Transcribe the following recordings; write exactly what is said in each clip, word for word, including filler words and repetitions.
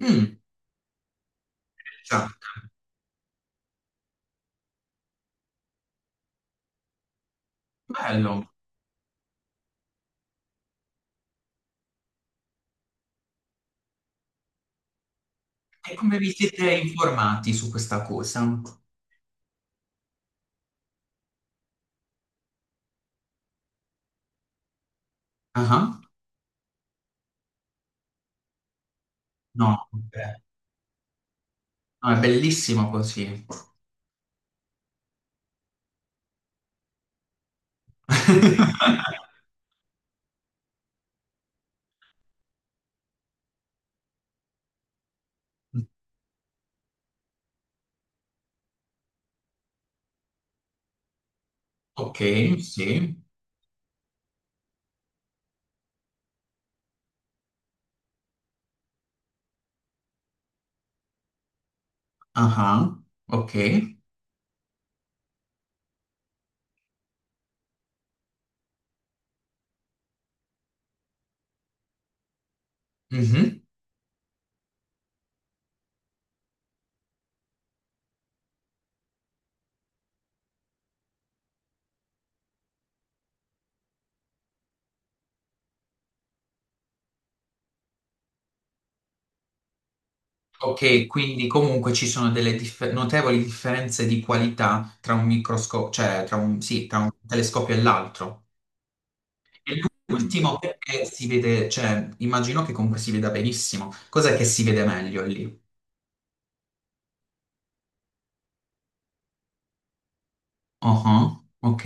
Mm, già, bello. E come vi siete informati su questa cosa? Ah, no, ok. No, è bellissimo così. Ok, sì. Ah, ok. Mhm. Ok, quindi comunque ci sono delle differ- notevoli differenze di qualità tra un microscopio, cioè tra un, sì, tra un telescopio e l'altro. E l'ultimo perché si vede, cioè immagino che comunque si veda benissimo. Cos'è che si vede meglio lì? Ah, ok.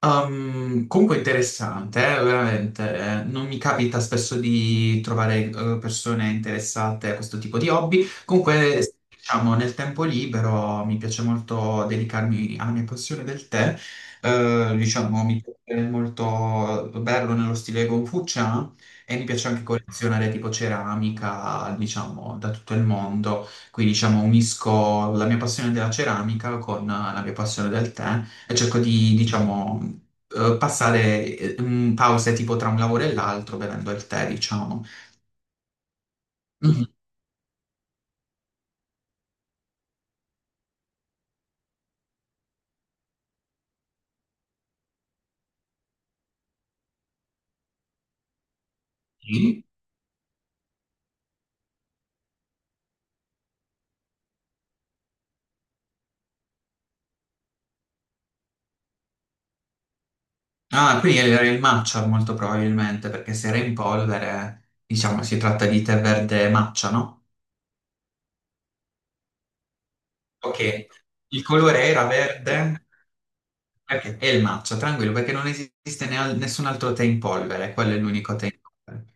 Ehm, comunque interessante, eh, veramente. eh, Non mi capita spesso di trovare eh, persone interessate a questo tipo di hobby. Comunque, diciamo, nel tempo libero mi piace molto dedicarmi alla mia passione del tè. Eh, diciamo, mi piace molto berlo nello stile Confucian e mi piace anche collezionare tipo ceramica, diciamo, da tutto il mondo. Qui, diciamo, unisco la mia passione della ceramica con la mia passione del tè e cerco di, diciamo, eh, passare eh, mm, pause tipo tra un lavoro e l'altro bevendo il tè, diciamo. Mhm. Sì. Ah, quindi era il matcha molto probabilmente, perché se era in polvere, diciamo, si tratta di tè verde matcha, no? Ok, il colore era verde perché è il matcha, tranquillo, perché non esiste ne al- nessun altro tè in polvere, quello è l'unico tè in polvere.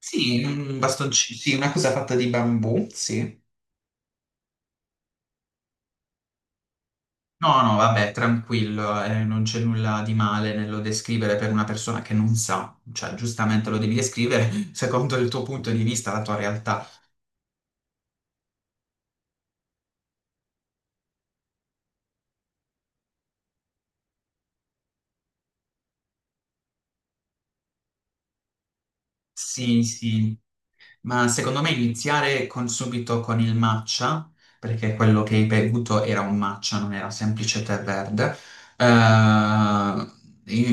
Sì, un bastoncino, sì, una cosa fatta di bambù, sì. No, no, vabbè, tranquillo, eh, non c'è nulla di male nello descrivere per una persona che non sa, cioè giustamente lo devi descrivere secondo il tuo punto di vista, la tua realtà. Sì, sì. Ma secondo me iniziare con- subito con il matcha, perché quello che hai bevuto era un matcha, non era semplice tè verde, eh,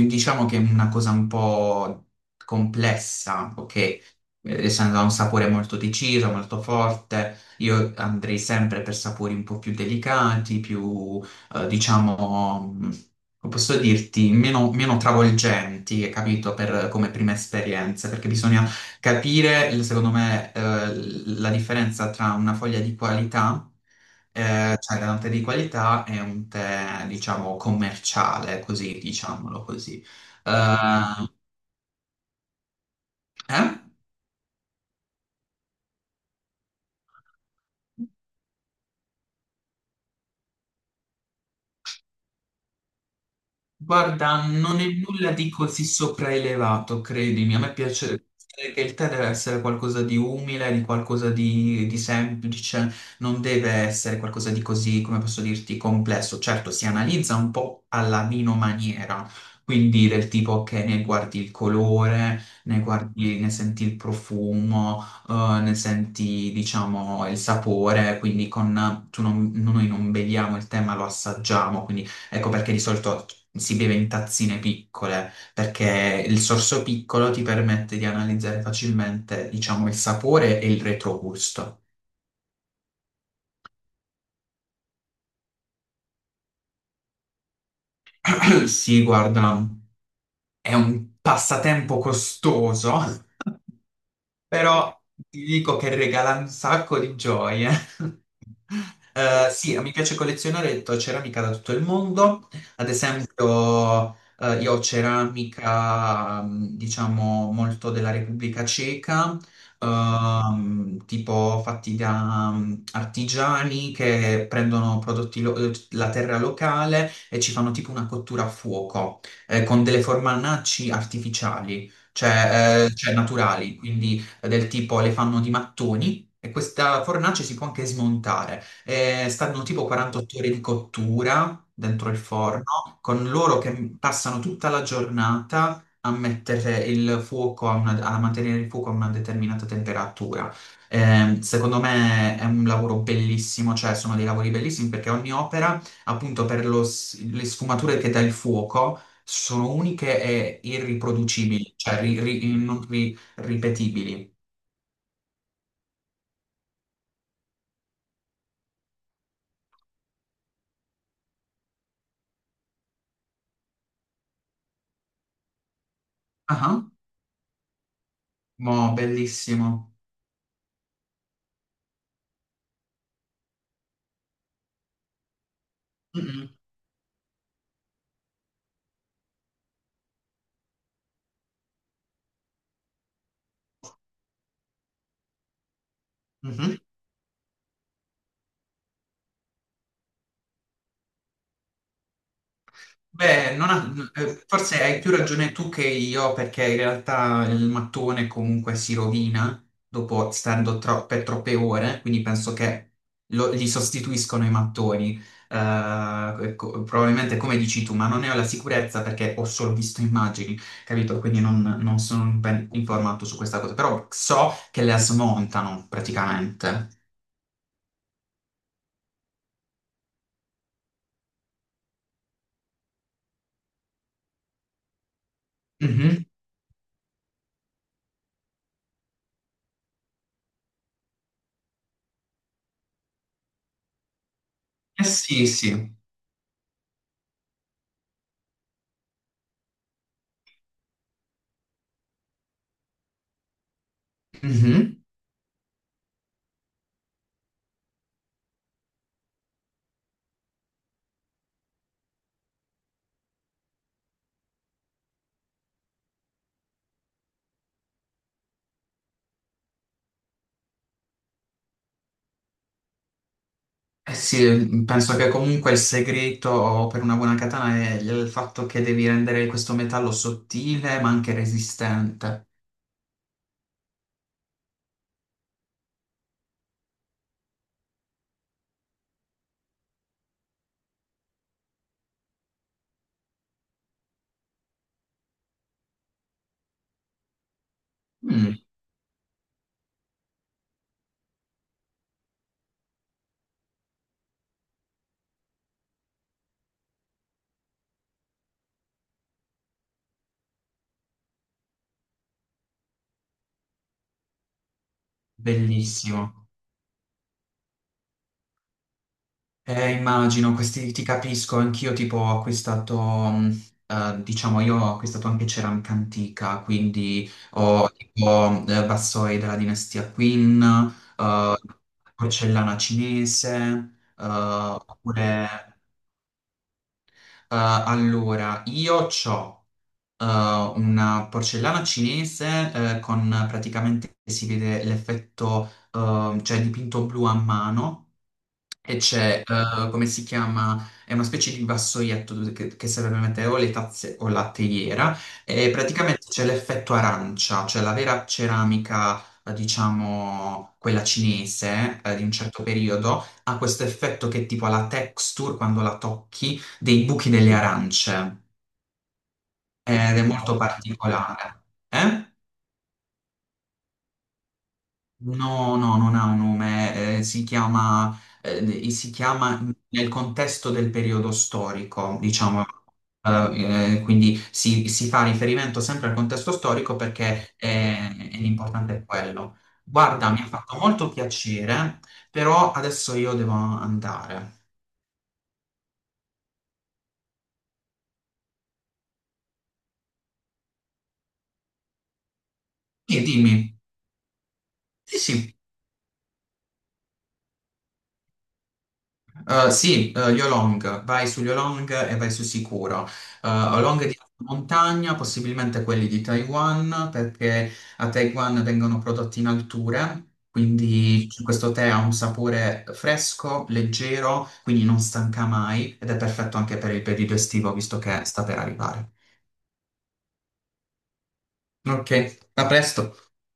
diciamo che è una cosa un po' complessa, ok? Eh, Essendo un sapore molto deciso, molto forte, io andrei sempre per sapori un po' più delicati, più, eh, diciamo, mh, come posso dirti, meno, meno travolgenti, capito, per, come prima esperienza, perché bisogna capire, il- secondo me, eh, la differenza tra una foglia di qualità, eh, cioè da un tè di qualità e un tè, diciamo, commerciale, così, diciamolo così. Eh, eh? Guarda, non è nulla di così sopraelevato, credimi. A me piace pensare che il tè deve essere qualcosa di umile, di qualcosa di, di semplice, non deve essere qualcosa di così, come posso dirti, complesso. Certo, si analizza un po' alla vinomaniera, quindi del tipo che ne guardi il colore, ne guardi, ne senti il profumo, eh, ne senti, diciamo, il sapore, quindi con, tu non- noi non beviamo il tè, ma lo assaggiamo, quindi. Ecco perché di solito si beve in tazzine piccole, perché il sorso piccolo ti permette di analizzare facilmente, diciamo, il sapore e il retrogusto. Sì, guarda, è un passatempo costoso, però ti dico che regala un sacco di gioie. Eh, sì, mi piace collezionare to- ceramica da tutto il mondo, ad esempio eh, io ho ceramica, mm, diciamo, molto della Repubblica Ceca, ehm, tipo fatti da mm, artigiani che prendono prodotti, lo- eh, la terra locale e ci fanno tipo una cottura a fuoco, eh, con delle formanacci artificiali cioè, eh, cioè naturali, quindi eh, del tipo le fanno di mattoni e questa fornace si può anche smontare. Eh, stanno tipo quarantotto ore di cottura dentro il forno, con loro che passano tutta la giornata a mettere il fuoco a, una- a mantenere il fuoco a una determinata temperatura. Eh, secondo me è un lavoro bellissimo, cioè sono dei lavori bellissimi perché ogni opera, appunto per lo s- le sfumature che dà il fuoco, sono uniche e irriproducibili, cioè ri- ri- non ri- ripetibili. Ah, mo, bellissimo. Mm-mm, mhm. Beh, non ha- eh, forse hai più ragione tu che io, perché in realtà il mattone comunque si rovina dopo stando tro- per troppe ore, quindi penso che lo- gli sostituiscono i mattoni. Eh, ecco, probabilmente come dici tu, ma non ne ho la sicurezza perché ho solo visto immagini, capito? Quindi non, non sono ben informato su questa cosa, però so che le smontano praticamente. Mhm. Eh sì, sì. Mm-hmm. Eh sì, penso che comunque il segreto per una buona katana è il fatto che devi rendere questo metallo sottile ma anche resistente. Mm, bellissimo. Eh, immagino, questi ti capisco, anch'io tipo ho acquistato, mm, eh, diciamo io ho acquistato anche ceramica antica, quindi ho tipo eh, vassoi della dinastia Qin, eh, porcellana cinese, eh, oppure. eh, allora, io c'ho... eh, una porcellana cinese eh, con praticamente si vede l'effetto, eh, cioè dipinto blu a mano e c'è, eh, come si chiama, è una specie di vassoietto che, che serve per mettere o le tazze o la teiera e praticamente c'è l'effetto arancia, cioè la vera ceramica, eh, diciamo, quella cinese, eh, di un certo periodo, ha questo effetto che è tipo alla texture quando la tocchi dei buchi delle arance ed è molto particolare. Eh? No, no, non ha un nome, eh, si chiama, eh, si chiama nel contesto del periodo storico, diciamo. Eh, eh, quindi si, si fa riferimento sempre al contesto storico perché eh, è, l'importante è quello. Guarda, mi ha fatto molto piacere, però adesso io devo andare. Sì, dimmi. Sì, sì. Eh, sì, eh, Yolong, vai su Yolong e vai su sicuro. Eh, Yolong di alta montagna, possibilmente quelli di Taiwan, perché a Taiwan vengono prodotti in alture, quindi questo tè ha un sapore fresco, leggero, quindi non stanca mai ed è perfetto anche per il periodo estivo, visto che sta per arrivare. Ok, a presto.